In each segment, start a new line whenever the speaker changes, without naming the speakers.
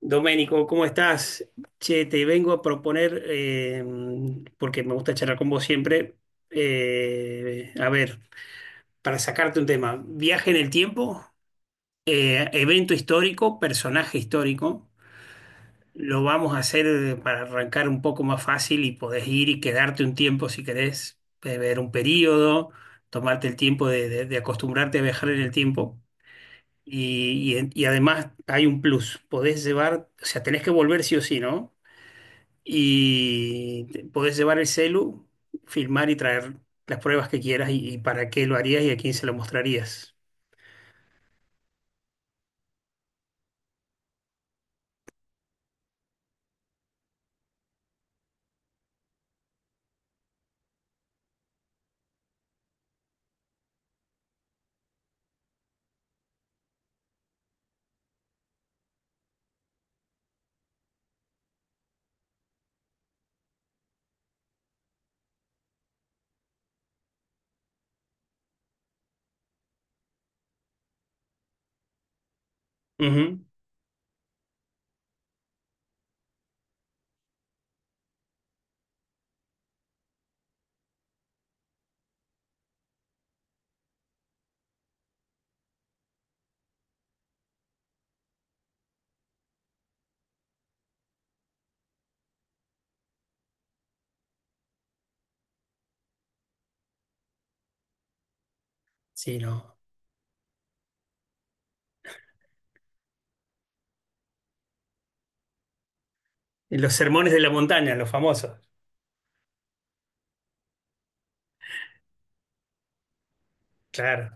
Doménico, ¿cómo estás? Che, te vengo a proponer, porque me gusta charlar con vos siempre, a ver, para sacarte un tema, viaje en el tiempo, evento histórico, personaje histórico, lo vamos a hacer para arrancar un poco más fácil y podés ir y quedarte un tiempo si querés, beber un periodo, tomarte el tiempo de acostumbrarte a viajar en el tiempo. Y además hay un plus, podés llevar, o sea, tenés que volver sí o sí, ¿no? Y podés llevar el celu, filmar y traer las pruebas que quieras y para qué lo harías y a quién se lo mostrarías. Ujú. Sí, no. Los sermones de la montaña, los famosos. Claro.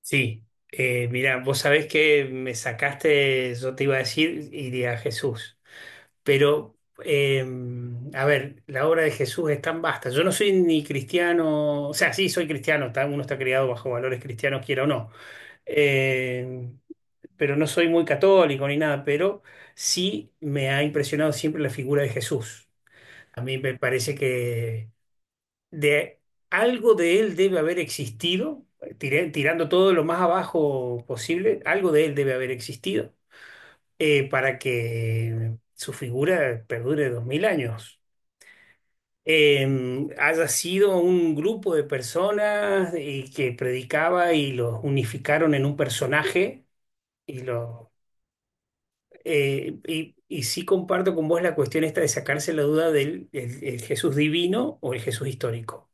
Sí. Mira, vos sabés que me sacaste, yo te iba a decir, iría a Jesús. Pero, eh, a ver, la obra de Jesús es tan vasta. Yo no soy ni cristiano, o sea, sí, soy cristiano, uno está criado bajo valores cristianos, quiera o no. Eh, pero no soy muy católico ni nada, pero sí me ha impresionado siempre la figura de Jesús. A mí me parece que de algo de él debe haber existido, tirando todo lo más abajo posible, algo de él debe haber existido para que su figura perdure 2000 años. Haya sido un grupo de personas y que predicaba y los unificaron en un personaje y los. Y sí comparto con vos la cuestión esta de sacarse la duda del el Jesús divino o el Jesús histórico.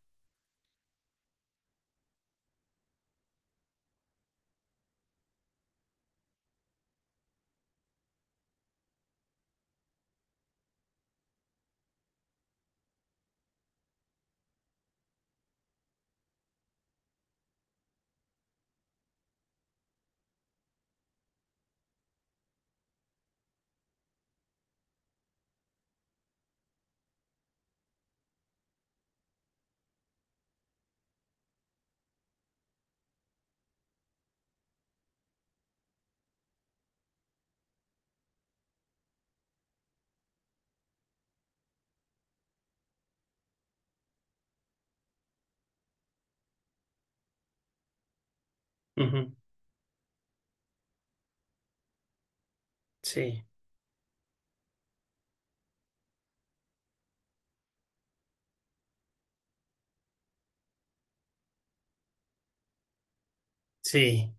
Ujú. Sí, sí,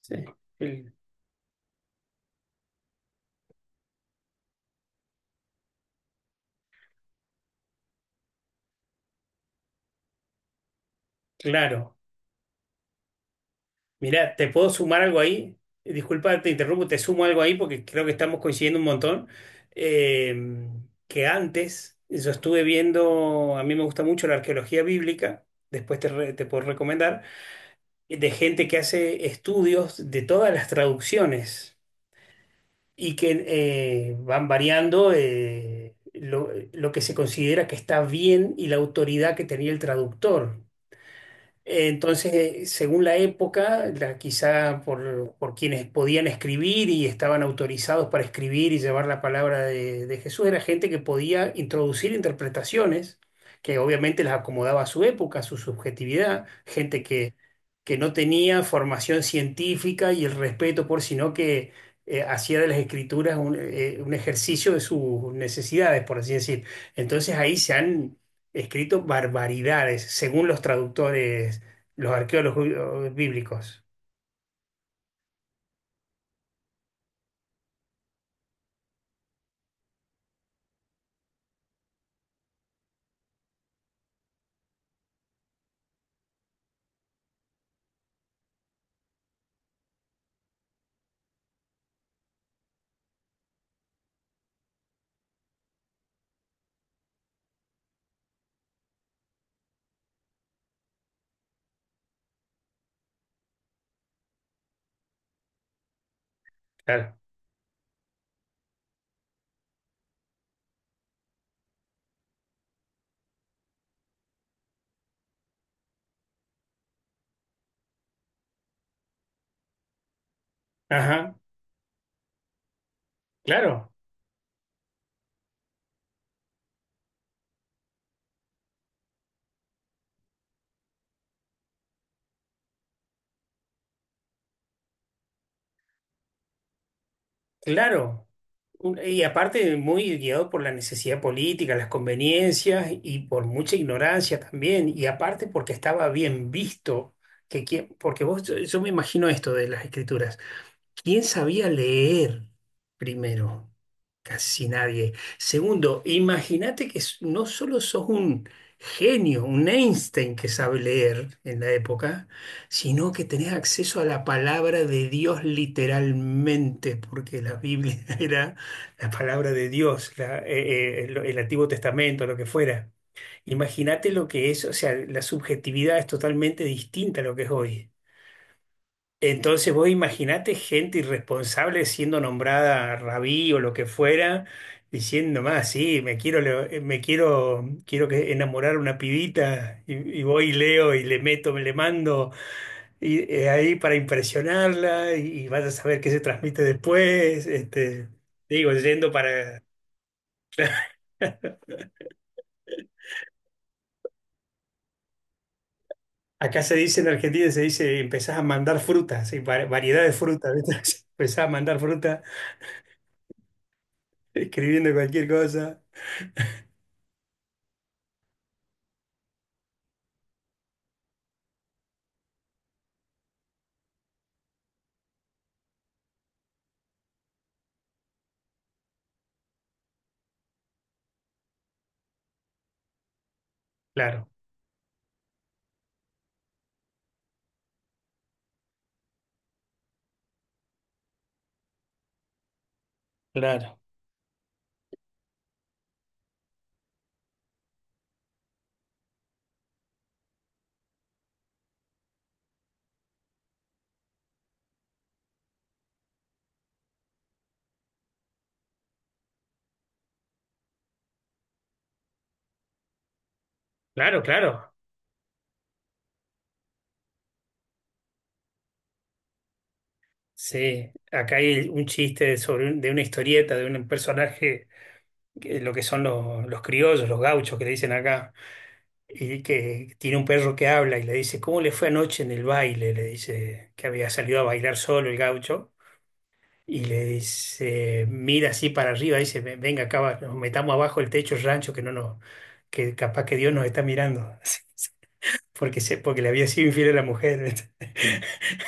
sí. El- claro. Mirá, ¿te puedo sumar algo ahí? Disculpa, te interrumpo, te sumo algo ahí porque creo que estamos coincidiendo un montón. Eh, que antes yo estuve viendo, a mí me gusta mucho la arqueología bíblica, después te, te puedo recomendar, de gente que hace estudios de todas las traducciones y que van variando lo que se considera que está bien y la autoridad que tenía el traductor. Entonces según la época, quizá por quienes podían escribir y estaban autorizados para escribir y llevar la palabra de Jesús, era gente que podía introducir interpretaciones que obviamente las acomodaba a su época, a su subjetividad, gente que no tenía formación científica y el respeto por, sino que hacía de las escrituras un ejercicio de sus necesidades, por así decir. Entonces ahí se han escrito barbaridades, según los traductores, los arqueólogos bíblicos. Claro. Ajá, claro, claro. Y aparte, muy guiado por la necesidad política, las conveniencias y por mucha ignorancia también. Y aparte, porque estaba bien visto. Porque vos, yo me imagino esto de las escrituras. ¿Quién sabía leer primero? Casi nadie. Segundo, imagínate que no solo sos un genio, un Einstein que sabe leer en la época, sino que tenés acceso a la palabra de Dios literalmente, porque la Biblia era la palabra de Dios, el Antiguo Testamento, lo que fuera. Imagínate lo que es, o sea, la subjetividad es totalmente distinta a lo que es hoy. Entonces vos imaginate gente irresponsable siendo nombrada rabí o lo que fuera, diciendo más, sí, me quiero, quiero que enamorar a una pibita y voy y leo y le meto, me le mando y, ahí para impresionarla y vas a saber qué se transmite después. Este, digo, yendo para... Acá se dice en Argentina, se dice, empezás a mandar frutas, y variedad de frutas, ¿viste? Empezás a mandar fruta escribiendo cualquier cosa. Claro, claro. Claro, claro. Sí, acá hay un chiste sobre de una historieta de un personaje, lo que son los criollos, los gauchos que le dicen acá, y que tiene un perro que habla y le dice, ¿cómo le fue anoche en el baile? Le dice que había salido a bailar solo el gaucho y le dice, mira así para arriba, dice, Venga acá, nos metamos abajo el techo del rancho que no nos, que capaz que Dios nos está mirando", porque, se, porque le había sido infiel a la mujer.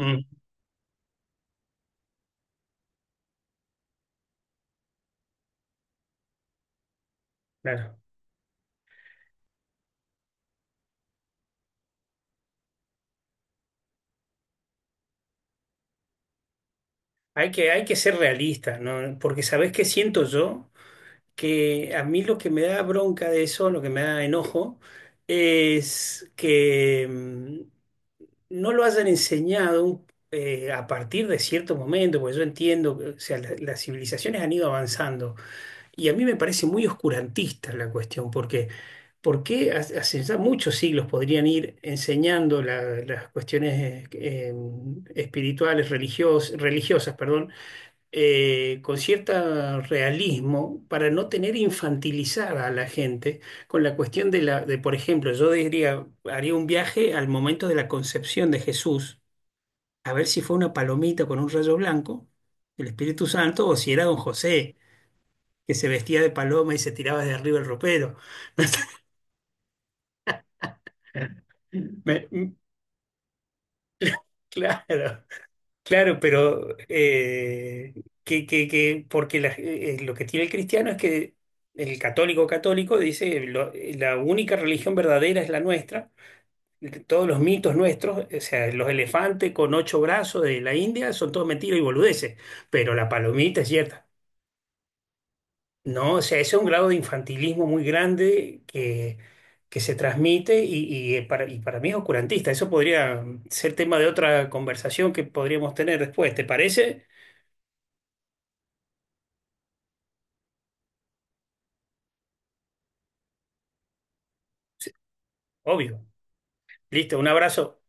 Mm, claro. Hay que ser realistas, ¿no? Porque ¿sabés qué siento yo? Que a mí lo que me da bronca de eso, lo que me da enojo, es que no lo hayan enseñado a partir de cierto momento, porque yo entiendo, que, o sea, las civilizaciones han ido avanzando y a mí me parece muy oscurantista la cuestión, porque ¿por qué hace ya muchos siglos podrían ir enseñando las cuestiones espirituales, religiosas, perdón? Con cierto realismo para no tener infantilizada a la gente con la cuestión de la, de, por ejemplo, yo diría, haría un viaje al momento de la concepción de Jesús, a ver si fue una palomita con un rayo blanco, el Espíritu Santo, o si era don José, que se vestía de paloma y se tiraba de arriba el ropero. Me- mm, claro. Claro, pero porque lo que tiene el cristiano es que el católico católico dice, La única religión verdadera es la nuestra, todos los mitos nuestros, o sea, los elefantes con ocho brazos de la India son todos mentiras y boludeces, pero la palomita es cierta". No, o sea, ese es un grado de infantilismo muy grande que, se transmite y, y para mí es oscurantista. Eso podría ser tema de otra conversación que podríamos tener después, ¿te parece? Obvio. Listo, un abrazo.